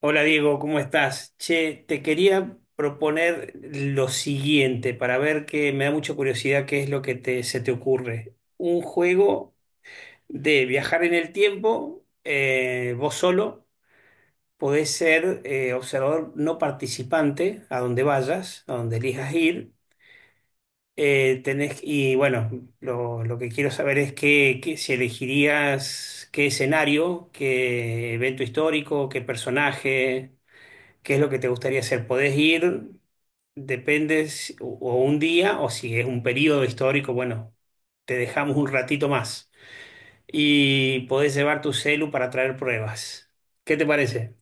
Hola Diego, ¿cómo estás? Che, te quería proponer lo siguiente para ver que me da mucha curiosidad qué es lo que se te ocurre. Un juego de viajar en el tiempo, vos solo, podés ser observador no participante a donde vayas, a donde elijas ir. Tenés, y bueno, lo que quiero saber es si elegirías qué escenario, qué evento histórico, qué personaje. ¿Qué es lo que te gustaría hacer? Podés ir, depende o un día o si es un periodo histórico, bueno, te dejamos un ratito más y podés llevar tu celu para traer pruebas. ¿Qué te parece?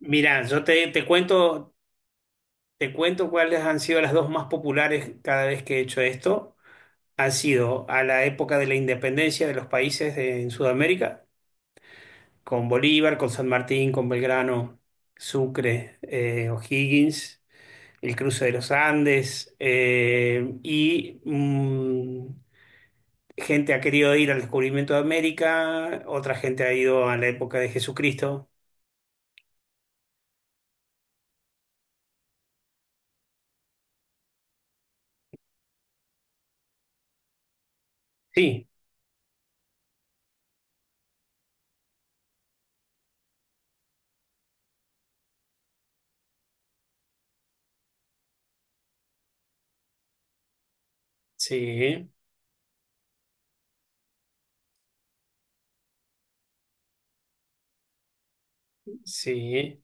Mira, te cuento cuáles han sido las dos más populares cada vez que he hecho esto. Han sido a la época de la independencia de los países en Sudamérica, con Bolívar, con San Martín, con Belgrano, Sucre, O'Higgins. El cruce de los Andes, y gente ha querido ir al descubrimiento de América, otra gente ha ido a la época de Jesucristo. Sí, sí, sí.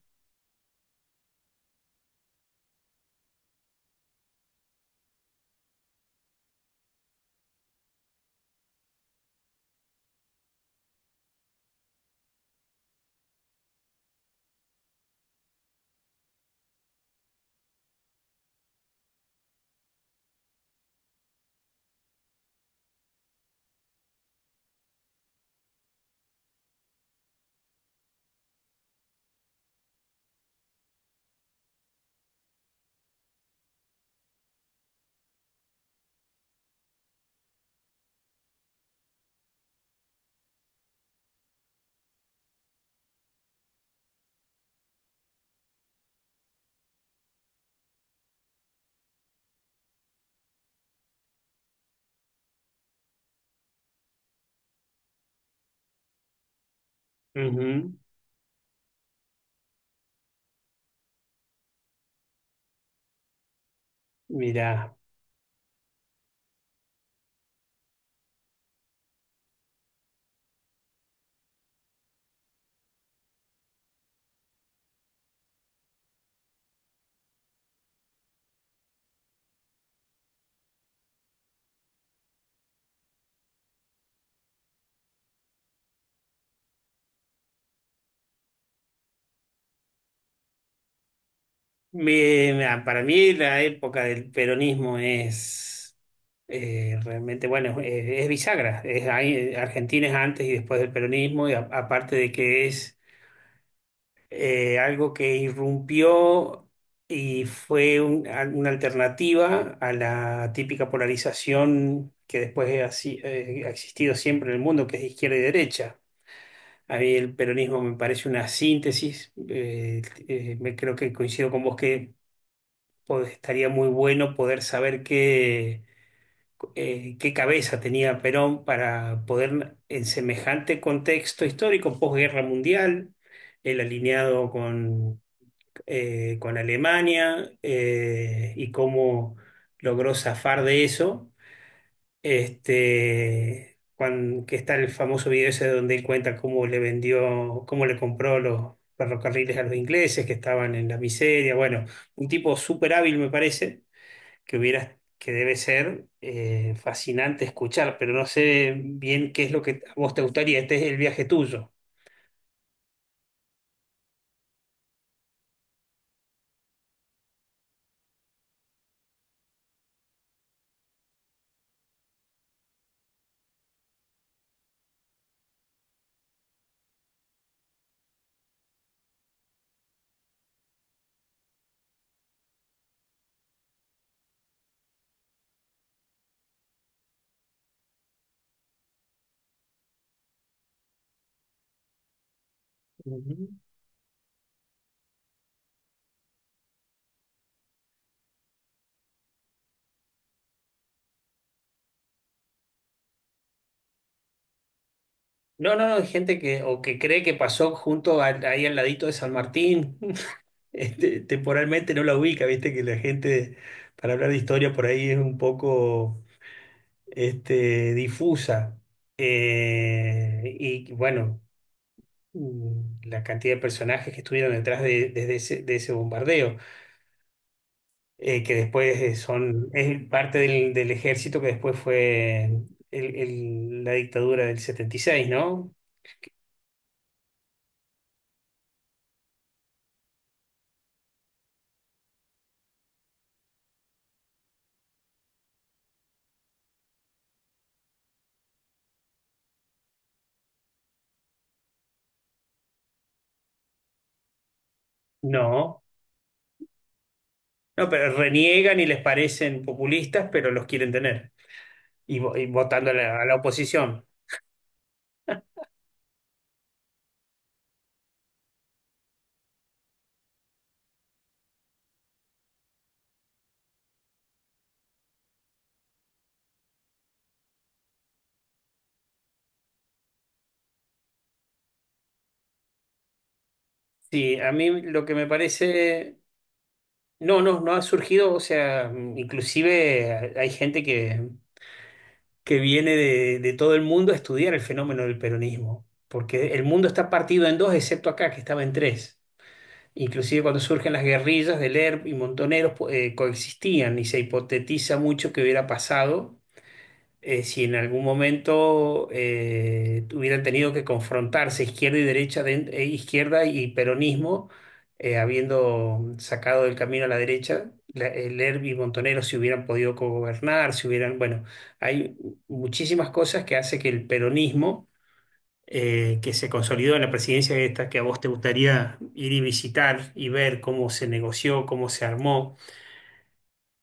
Ujú. Mirá. Mirá, para mí la época del peronismo es realmente, bueno, es bisagra. Es, ahí, Argentina es antes y después del peronismo, y aparte de que es algo que irrumpió y fue una alternativa a la típica polarización que después ha, ha existido siempre en el mundo, que es izquierda y derecha. A mí el peronismo me parece una síntesis. Me creo que coincido con vos que estaría muy bueno poder saber qué cabeza tenía Perón para poder, en semejante contexto histórico, posguerra mundial, el alineado con Alemania, y cómo logró zafar de eso. Este, que está el famoso video ese donde él cuenta cómo le vendió, cómo le compró los ferrocarriles a los ingleses que estaban en la miseria. Bueno, un tipo súper hábil me parece, que hubiera, que debe ser fascinante escuchar, pero no sé bien qué es lo que a vos te gustaría. Este es el viaje tuyo. Ujú. No, no, no, hay gente que, o que cree que pasó junto ahí al ladito de San Martín. Este, temporalmente no la ubica, viste que la gente, para hablar de historia por ahí es un poco este, difusa. Y bueno, la cantidad de personajes que estuvieron detrás de, desde ese, de ese bombardeo, que después son, es parte del, del ejército que después fue la dictadura del setenta y seis. No. No. No, pero reniegan y les parecen populistas, pero los quieren tener. Y, y votando a la oposición. Sí, a mí lo que me parece... No, no, no ha surgido, o sea, inclusive hay gente que viene de todo el mundo a estudiar el fenómeno del peronismo, porque el mundo está partido en dos, excepto acá, que estaba en tres. Inclusive cuando surgen las guerrillas del ERP y Montoneros, coexistían y se hipotetiza mucho que hubiera pasado, si en algún momento hubieran tenido que confrontarse izquierda y derecha, izquierda y peronismo, habiendo sacado del camino a la derecha, Lerby y Montonero, si hubieran podido gobernar, si hubieran, bueno, hay muchísimas cosas que hace que el peronismo, que se consolidó en la presidencia esta, que a vos te gustaría ir y visitar y ver cómo se negoció, cómo se armó,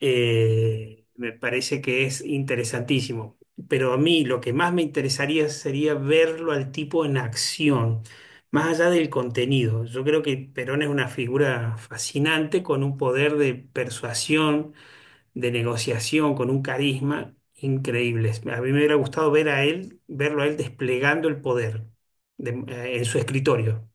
me parece que es interesantísimo. Pero a mí lo que más me interesaría sería verlo al tipo en acción, más allá del contenido. Yo creo que Perón es una figura fascinante con un poder de persuasión, de negociación, con un carisma increíble. A mí me hubiera gustado ver a él, verlo a él desplegando el poder en su escritorio.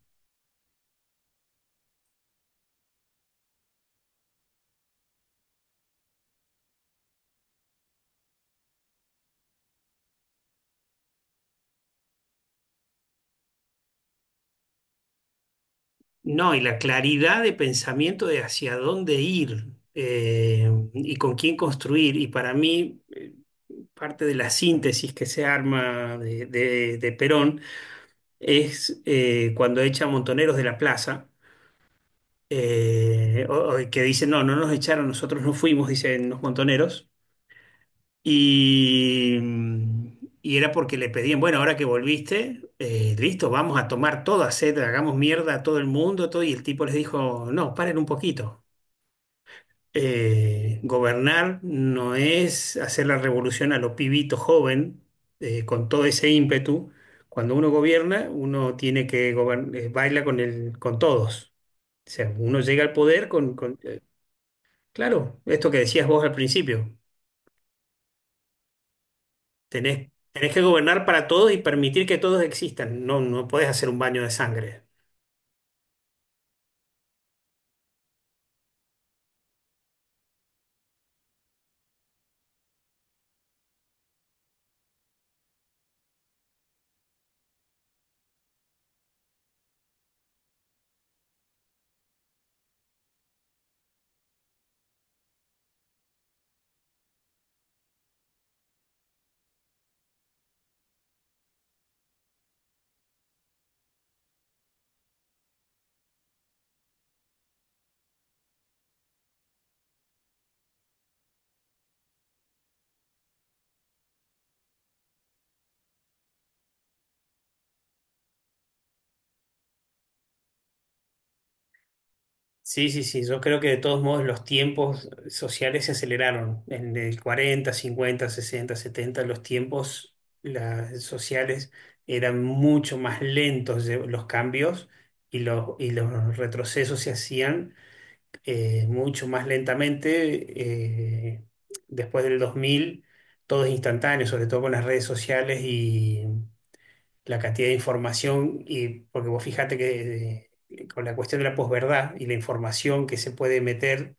No, y la claridad de pensamiento de hacia dónde ir, y con quién construir. Y para mí, parte de la síntesis que se arma de, de Perón es, cuando echa a Montoneros de la plaza, o que dicen, no, no nos echaron, nosotros no fuimos, dicen los Montoneros. Y, y era porque le pedían, bueno, ahora que volviste, listo, vamos a tomar todo, hacer, hagamos mierda a todo el mundo, todo. Y el tipo les dijo, no, paren un poquito. Gobernar no es hacer la revolución a lo pibito joven, con todo ese ímpetu. Cuando uno gobierna, uno tiene que baila con el, con todos. O sea, uno llega al poder claro, esto que decías vos al principio, tenés que gobernar para todos y permitir que todos existan. No, no podés hacer un baño de sangre. Sí, sí, sí, yo creo que de todos modos los tiempos sociales se aceleraron. En el 40 50 60 70 los tiempos las, sociales eran mucho más lentos los cambios y los retrocesos se hacían mucho más lentamente. Después del 2000 todo es instantáneo, sobre todo con las redes sociales, la cantidad de información, y porque vos fíjate que con la cuestión de la posverdad y la información que se puede meter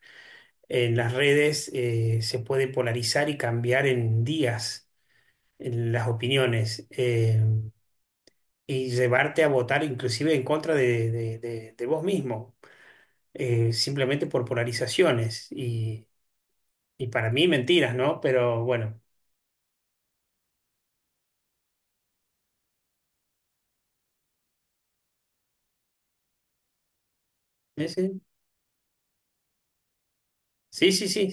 en las redes, se puede polarizar y cambiar en días en las opiniones, y llevarte a votar inclusive en contra de, de vos mismo, simplemente por polarizaciones. Y para mí mentiras, ¿no? Pero bueno, sí, sí, sí, sí, sí.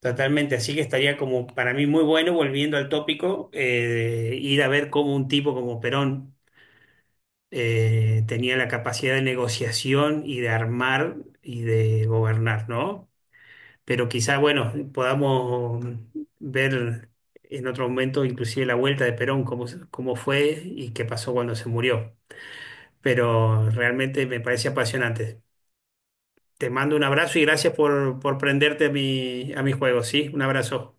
Totalmente, así que estaría como para mí muy bueno, volviendo al tópico, ir a ver cómo un tipo como Perón tenía la capacidad de negociación y de armar y de gobernar, ¿no? Pero quizá, bueno, podamos ver en otro momento inclusive la vuelta de Perón, cómo, cómo fue y qué pasó cuando se murió. Pero realmente me parece apasionante. Te mando un abrazo y gracias por prenderte a mi juego, ¿sí? Un abrazo.